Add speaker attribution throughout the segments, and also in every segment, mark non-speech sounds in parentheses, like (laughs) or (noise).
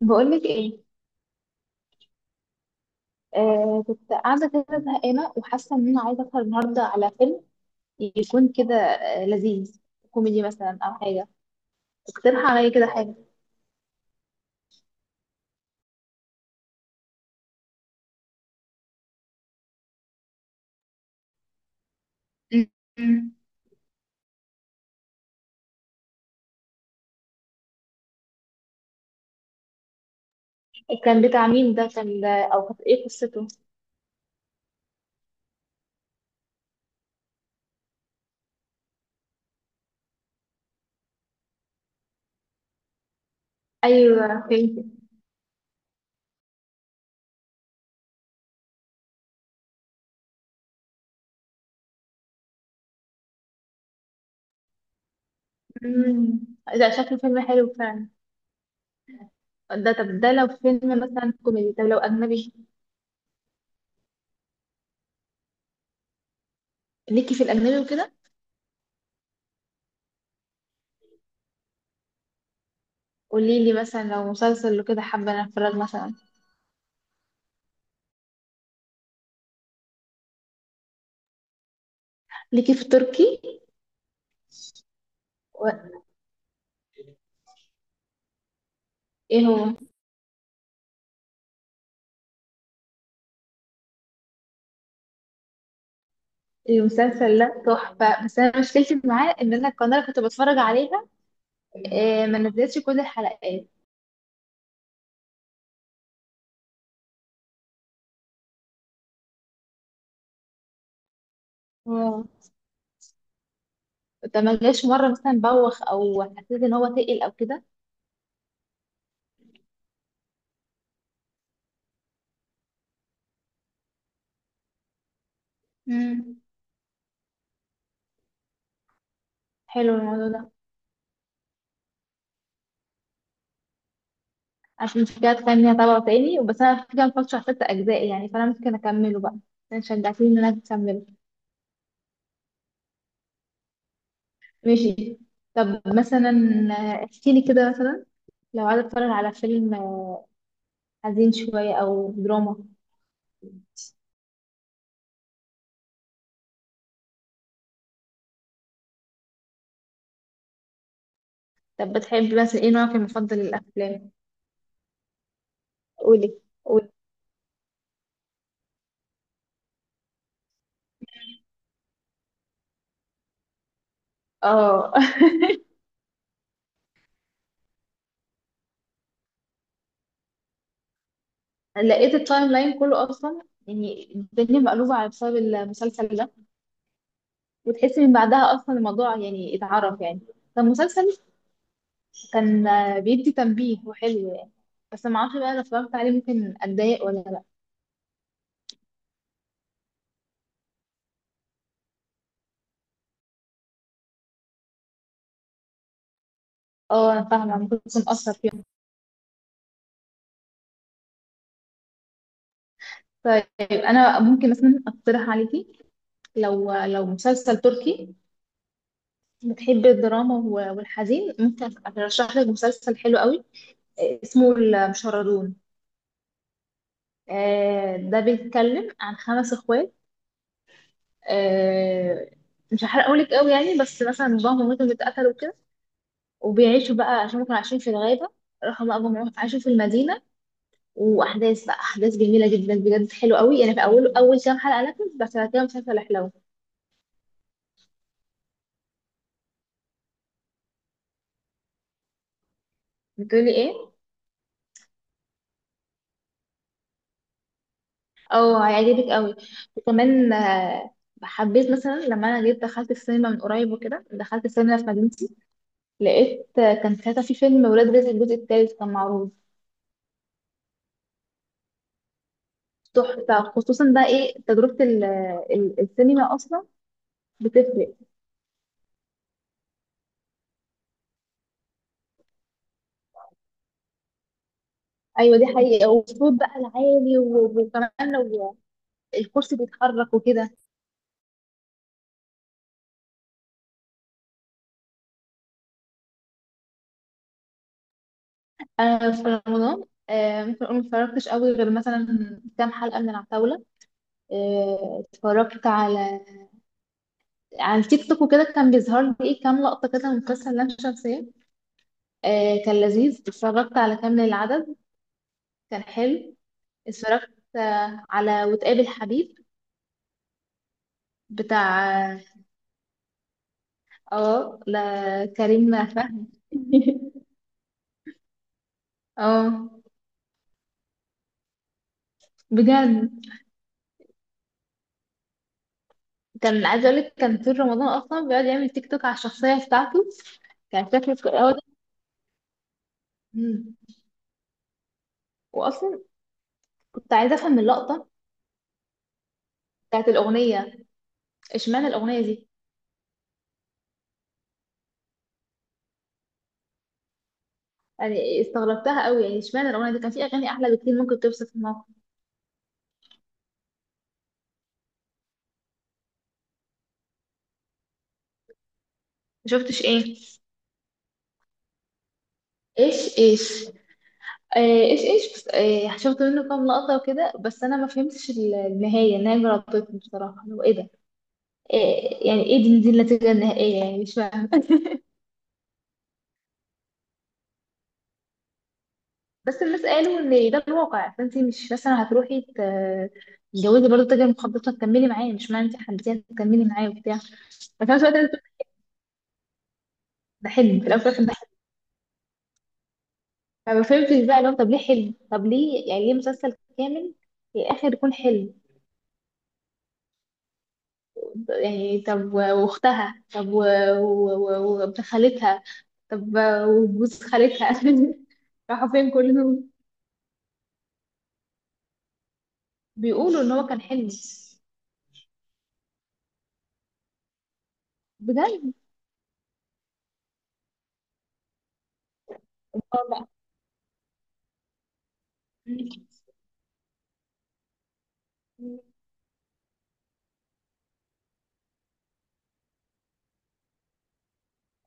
Speaker 1: بقولك ايه؟ كنت قاعده كده زهقانه وحاسه ان انا عايزه اسهر النهارده على فيلم يكون كده لذيذ، كوميدي مثلا او حاجه. اقترح عليا كده حاجه. م- م. كان بتاع مين ده؟ كان ده او كانت ايه قصته؟ ايوه فهمت. م. ده شكله فيلم حلو فعلا. ده طب ده لو فيلم مثلا كوميدي، طب لو اجنبي، ليكي في الاجنبي وكده؟ قولي لي مثلا لو مسلسل وكده حابه أنا اتفرج مثلا. ليكي في تركي؟ و... ايه هو؟ المسلسل ده تحفة، بس أنا مشكلتي معاه إن أنا القناة اللي كنت بتفرج عليها ما نزلتش كل الحلقات. واو. ده ما جاش مرة مثلا بوخ أو حسيت إن هو تقل أو كده؟ مم. حلو الموضوع ده، عشان مش كده تخليني أتابعه تاني. بس أنا في كام فترة شفت أجزاء يعني، فأنا ممكن أكمله بقى عشان شجعتني إن أنا أكمله. ماشي. طب مثلا، احكيلي كده مثلا لو عايزة أتفرج على فيلم حزين شوية أو دراما. طب بتحب مثلا إيه نوعك المفضل للأفلام؟ قولي قولي. اه. (laughs) لقيت التايم لاين كله اصلا، يعني الدنيا مقلوبه على بسبب المسلسل ده. وتحسي من بعدها اصلا الموضوع يعني اتعرف يعني. فالمسلسل كان بيدي تنبيه وحلو يعني. بس ما اعرفش بقى لو اتفرجت عليه ممكن اتضايق ولا لا. اه انا فاهمه، ممكن تكون اثر فيهم. طيب. انا ممكن مثلا اقترح عليكي. لو مسلسل تركي، بتحبي الدراما والحزين، ممكن ارشح لك مسلسل حلو قوي. اسمه المشردون. ده بيتكلم عن خمس اخوات. آه، مش هحرقهولك قوي يعني، بس مثلا باباهم ومامتهم اتقتلوا كده وبيعيشوا بقى، عشان هم كانوا عايشين في الغابة، راحوا بقى هم عاشوا في المدينة. وأحداث بقى أحداث جميلة جدا بجد، حلو قوي يعني في أول أول كام حلقة، لكن بس بعد كده مسلسل حلو. بتقولي إيه؟ أه هيعجبك قوي. وكمان حبيت مثلا لما أنا جيت دخلت السينما من قريب وكده، دخلت السينما في مدينتي، لقيت كان ساعتها في فيلم ولاد رزق الجزء التالت كان معروض. تحفة، خصوصا بقى ايه تجربة السينما اصلا. بتفرق. ايوه دي حقيقة، والصوت بقى العالي وكمان لو الكرسي بيتحرك وكده. انا في رمضان ممكن اقول ما اتفرجتش قوي غير مثلا كام حلقة من العتاولة. اتفرجت على التيك توك وكده، كان بيظهر لي ايه كام لقطة كده من مسلسل لام شمسية. كان لذيذ، اتفرجت على كامل العدد. كان حلو. اتفرجت على وتقابل حبيب بتاع، اه ده كريم فهمي. (laughs) اه. بجد كان عايزه اقول لك كان طول رمضان اصلا بيقعد يعمل تيك توك على الشخصيه بتاعته. كان شكله في الأول ده. مم. واصلا كنت عايزه افهم اللقطه بتاعت الاغنيه. اشمعنى الاغنيه دي؟ يعني استغربتها قوي يعني، اشمعنى الاغنيه دي؟ كان في اغاني احلى بكتير ممكن توصف الموقف. ما شفتش ايه؟ ايش ايش. آه ايش ايش، بس آه شفت منه كام لقطه وكده، بس انا ما فهمتش النهايه جربتني بصراحه لو ايه ده. إيه يعني؟ ايه دي, دي النتيجة النهائية؟ يعني مش فاهمة. بس الناس قالوا ان ده الواقع، فانت مش مثلا هتروحي تتجوزي برضه تاجر مخدرات، هتكملي معاه؟ مش معنى انت حبيتيه هتكملي معاه وبتاع. ففي نفس الوقت أنا بتقول ده حلم في الاول وفي الآخر ده حلم. فما فهمتش بقى لو طب ليه حلم؟ طب ليه يعني ليه مسلسل كامل في الاخر يكون حلم؟ يعني طب واختها، طب وابن خالتها، طب وجوز خالتها، (laughs) راحوا فين كلهم؟ بيقولوا ان هو كان حلم. بجد.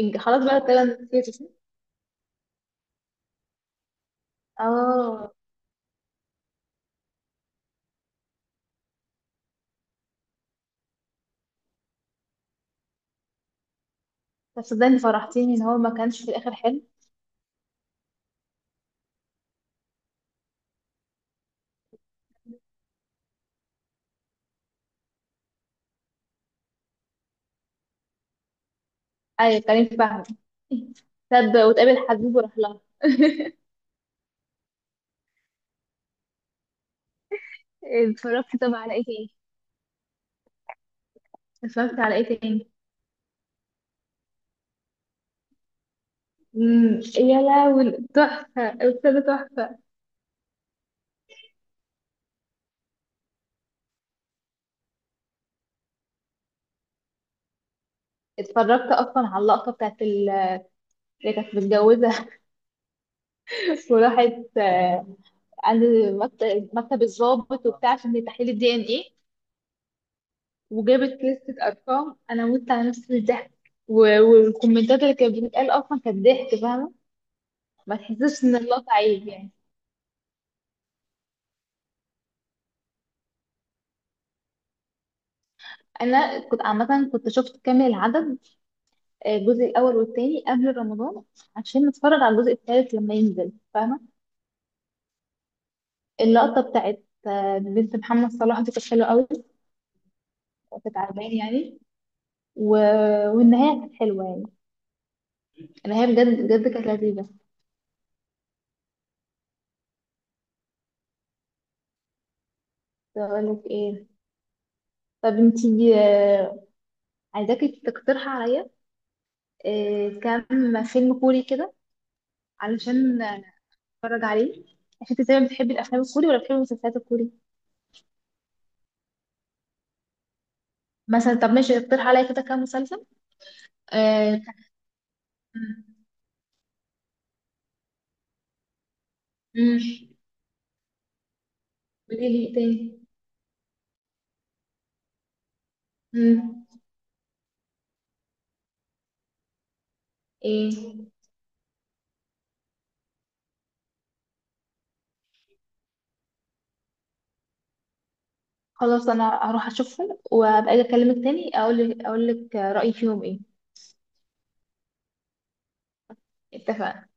Speaker 1: خلاص بقى كده نسيته صح؟ اه. طب صدقني فرحتيني ان هو ما كانش في الاخر حلو. ايوه كريم فهمي. تصدق وتقابل حبيب وراح لها. اتفرجت طبعا على ايه تاني؟ اتفرجت على ايه تاني؟ امم. يا لهوي تحفه الاستاذه تحفه. اتفرجت اصلا على اللقطه بتاعت اللي كانت متجوزه، (laughs) وراحت عند مكتب الضابط وبتاع عشان تحليل الدي ان ايه، وجابت لستة أرقام، أنا مت على نفسي من الضحك. والكومنتات اللي كانت بتتقال أصلا كانت ضحك فاهمة. ما تحسش إن اللقطة عيب يعني. أنا كنت عامة كنت شفت كامل العدد الجزء الأول والتاني قبل رمضان عشان نتفرج على الجزء التالت لما ينزل فاهمة. اللقطة بتاعت بنت محمد صلاح دي كانت حلوة أوي، كانت عجباني يعني. و... والنهاية كانت حلوة يعني، النهاية بجد بجد كانت لذيذة. كنت أقول لك إيه؟ طب انتي عايزاكي تقترحي عليا إيه، كام فيلم كوري كده علشان اتفرج عليه؟ مش انت زي ما بتحبي الافلام الكوري ولا بتحبي المسلسلات الكوري؟ مثلا طب ماشي، اقترح عليا كده كام مسلسل. آه، كان- مم، قولي لي إيه تاني؟ مم، ايه. خلاص انا هروح اشوفهم وابقى اجي اكلمك تاني، اقول لك رايي فيهم ايه. اتفقنا.